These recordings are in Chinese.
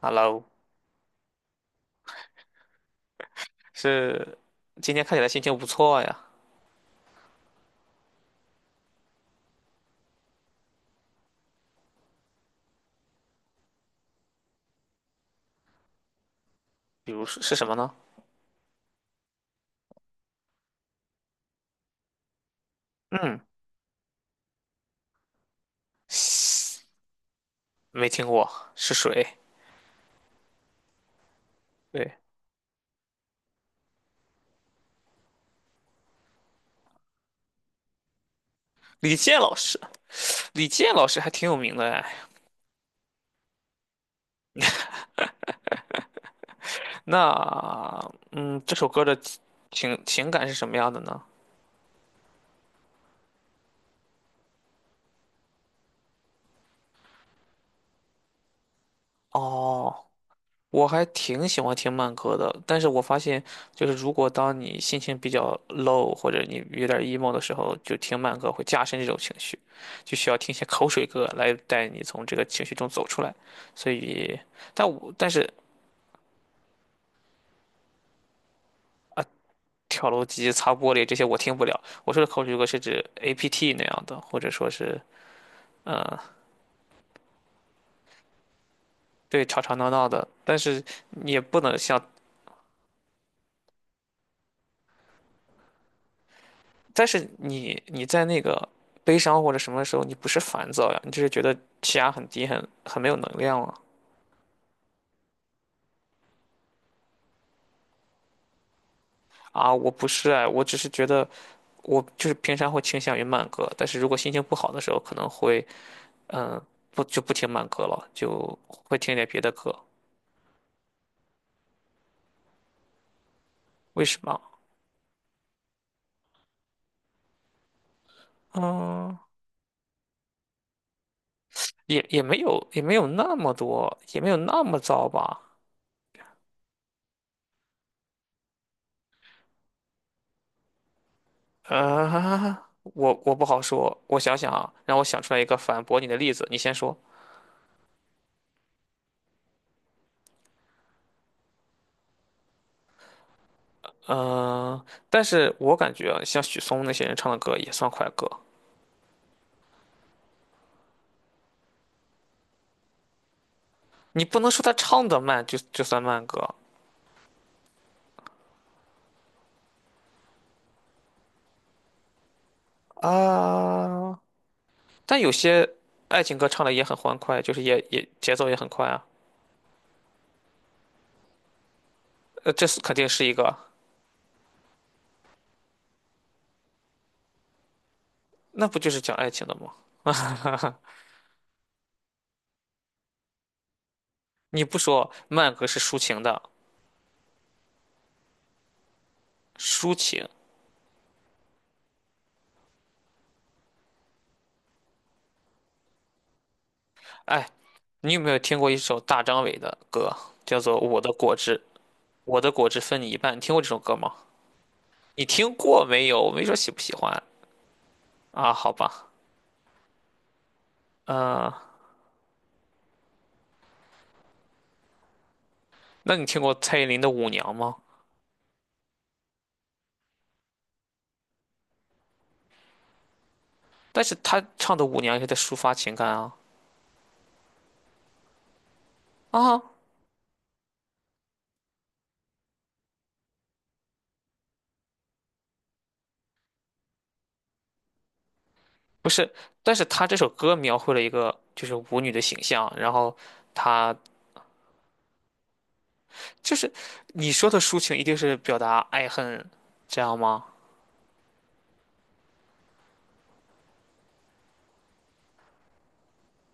Hello。是。今天看起来心情不错呀。比如是什么呢？嗯。是。没听过，是谁？对。李健老师，李健老师还挺有名的哎。那，这首歌的情感是什么样的呢？哦，我还挺喜欢听慢歌的，但是我发现，就是如果当你心情比较 low 或者你有点 emo 的时候，就听慢歌会加深这种情绪，就需要听一些口水歌来带你从这个情绪中走出来。所以，但是跳楼机、擦玻璃这些我听不了。我说的口水歌是指 APT 那样的，或者说是呃，对，吵吵闹闹的，但是你也不能像。但是你在那个悲伤或者什么时候，你不是烦躁呀，你就是觉得气压很低，很没有能量了啊！我不是哎，我只是觉得我就是平常会倾向于慢歌，但是如果心情不好的时候，可能会嗯不就不听慢歌了，就会听点别的歌。为什么？嗯，也没有也没有那么多，也没有那么糟吧？啊，我不好说，我想想啊，让我想出来一个反驳你的例子，你先说。嗯，但是我感觉啊像许嵩那些人唱的歌也算快歌，你不能说他唱的慢就算慢歌啊。但有些爱情歌唱的也很欢快，就是也节奏也很快啊。这是肯定是一个。那不就是讲爱情的吗？你不说慢歌是抒情的，抒情。哎，你有没有听过一首大张伟的歌，叫做《我的果汁》？我的果汁分你一半，你听过这首歌吗？你听过没有？我没说喜不喜欢。啊？好吧。呃。那你听过蔡依林的《舞娘》吗？但是她唱的《舞娘》也是在抒发情感啊。啊。不是，但是她这首歌描绘了一个就是舞女的形象，然后她。就是你说的抒情一定是表达爱恨，这样吗？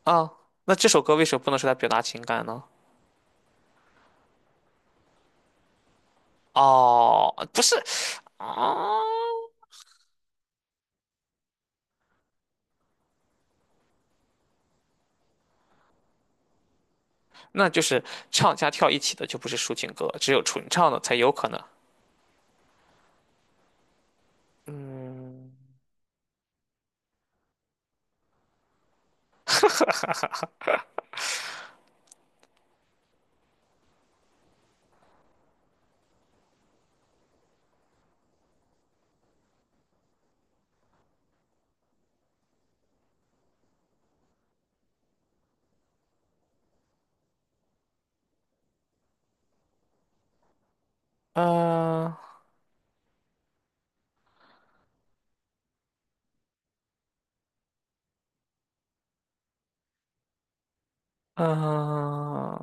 啊，那这首歌为什么不能说在表达情感呢？哦，不是啊，那就是唱加跳一起的就不是抒情歌，只有纯唱的才有可能。嗯。呃，嗯、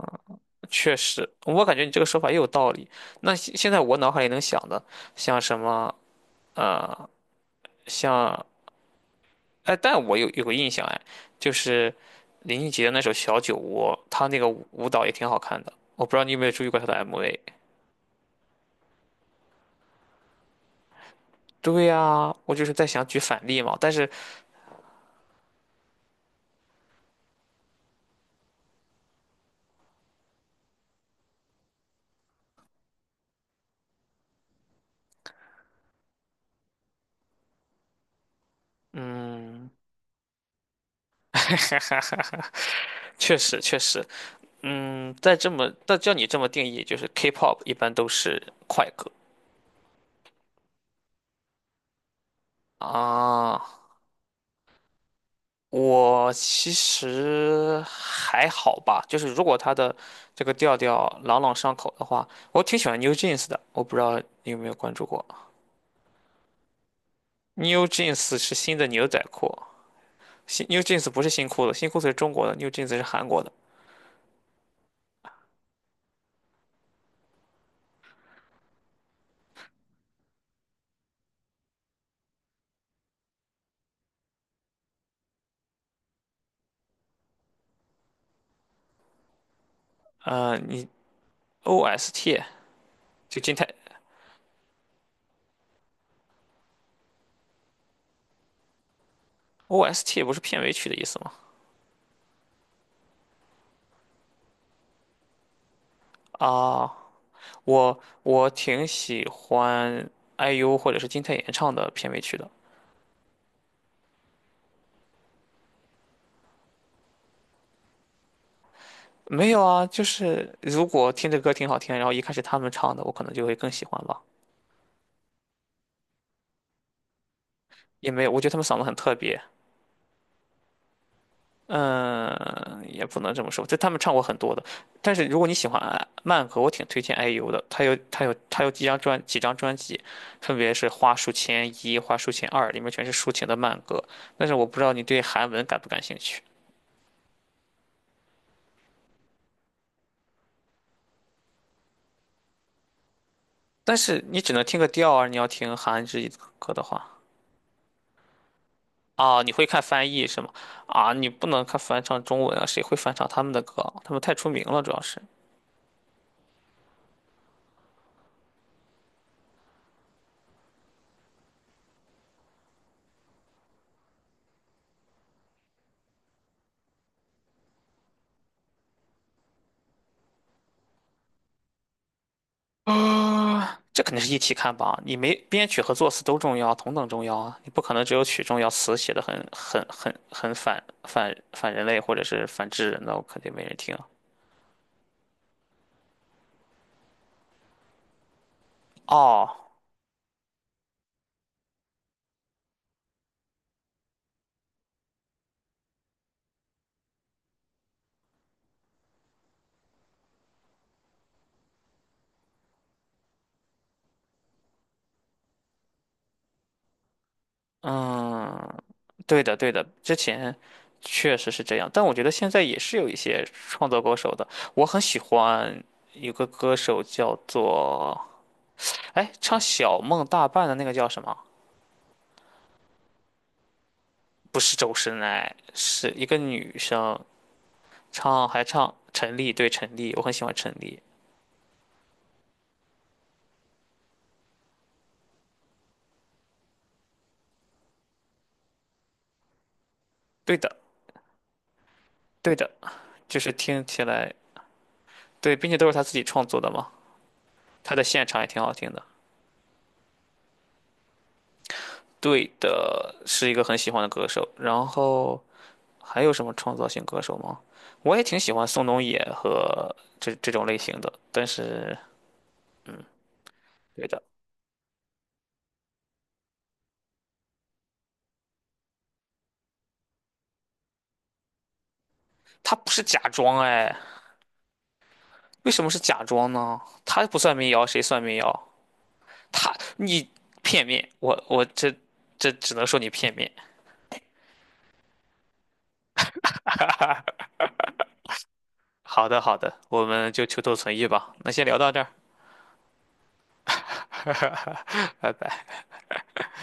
确实，我感觉你这个说法也有道理。那现在我脑海里能想的，像什么呃，像哎，但我有个印象哎，就是林俊杰的那首《小酒窝》，他那个舞蹈也挺好看的。我不知道你有没有注意过他的 MV。对呀，我就是在想举反例嘛，但是嗯。确实确实。嗯，在这么但叫你这么定义，就是 K-pop 一般都是快歌啊。我其实还好吧，就是如果他的这个调调朗朗上口的话，我挺喜欢 New Jeans 的。我不知道你有没有关注过。New Jeans 是新的牛仔裤。New Jeans 不是新裤子，新裤子是中国的，New Jeans 是韩国的。呃，你 OST。 就金泰。 OST 不是片尾曲的意思吗？啊，我挺喜欢 IU 或者是金泰妍唱的片尾曲的。没有啊，就是如果听着歌挺好听，然后一看是他们唱的，我可能就会更喜欢吧。也没有，我觉得他们嗓子很特别。嗯，也不能这么说，就他们唱过很多的。但是如果你喜欢慢歌，我挺推荐 IU 的。他有几张专辑，分别是《花书签一》《花书签二》，里面全是抒情的慢歌。但是我不知道你对韩文感不感兴趣。但是你只能听个调啊，你要听韩语歌的话。啊，你会看翻译是吗？啊，你不能看翻唱中文啊，谁会翻唱他们的歌？他们太出名了，主要是。这肯定是一起看吧？你没编曲和作词都重要，同等重要啊！你不可能只有曲重要，词写的很很很很反反反人类或者是反智人的，我肯定没人听啊。哦。嗯，对的对的，之前确实是这样，但我觉得现在也是有一些创作歌手的。我很喜欢有个歌手叫做。哎，唱《小梦大半》的那个叫什么？不是周深哎，是一个女生唱，还唱陈粒，对陈粒，我很喜欢陈粒。对的，对的，就是听起来对，并且都是她自己创作的嘛，她的现场也挺好听的。对的，是一个很喜欢的歌手。然后还有什么创造型歌手吗？我也挺喜欢宋冬野和这种类型的，但是。嗯，对的。他不是假装哎，为什么是假装呢？他不算民谣，谁算民谣？他你片面，我这只能说你片面。好的好的，我们就求同存异吧。那先聊到这儿。拜拜。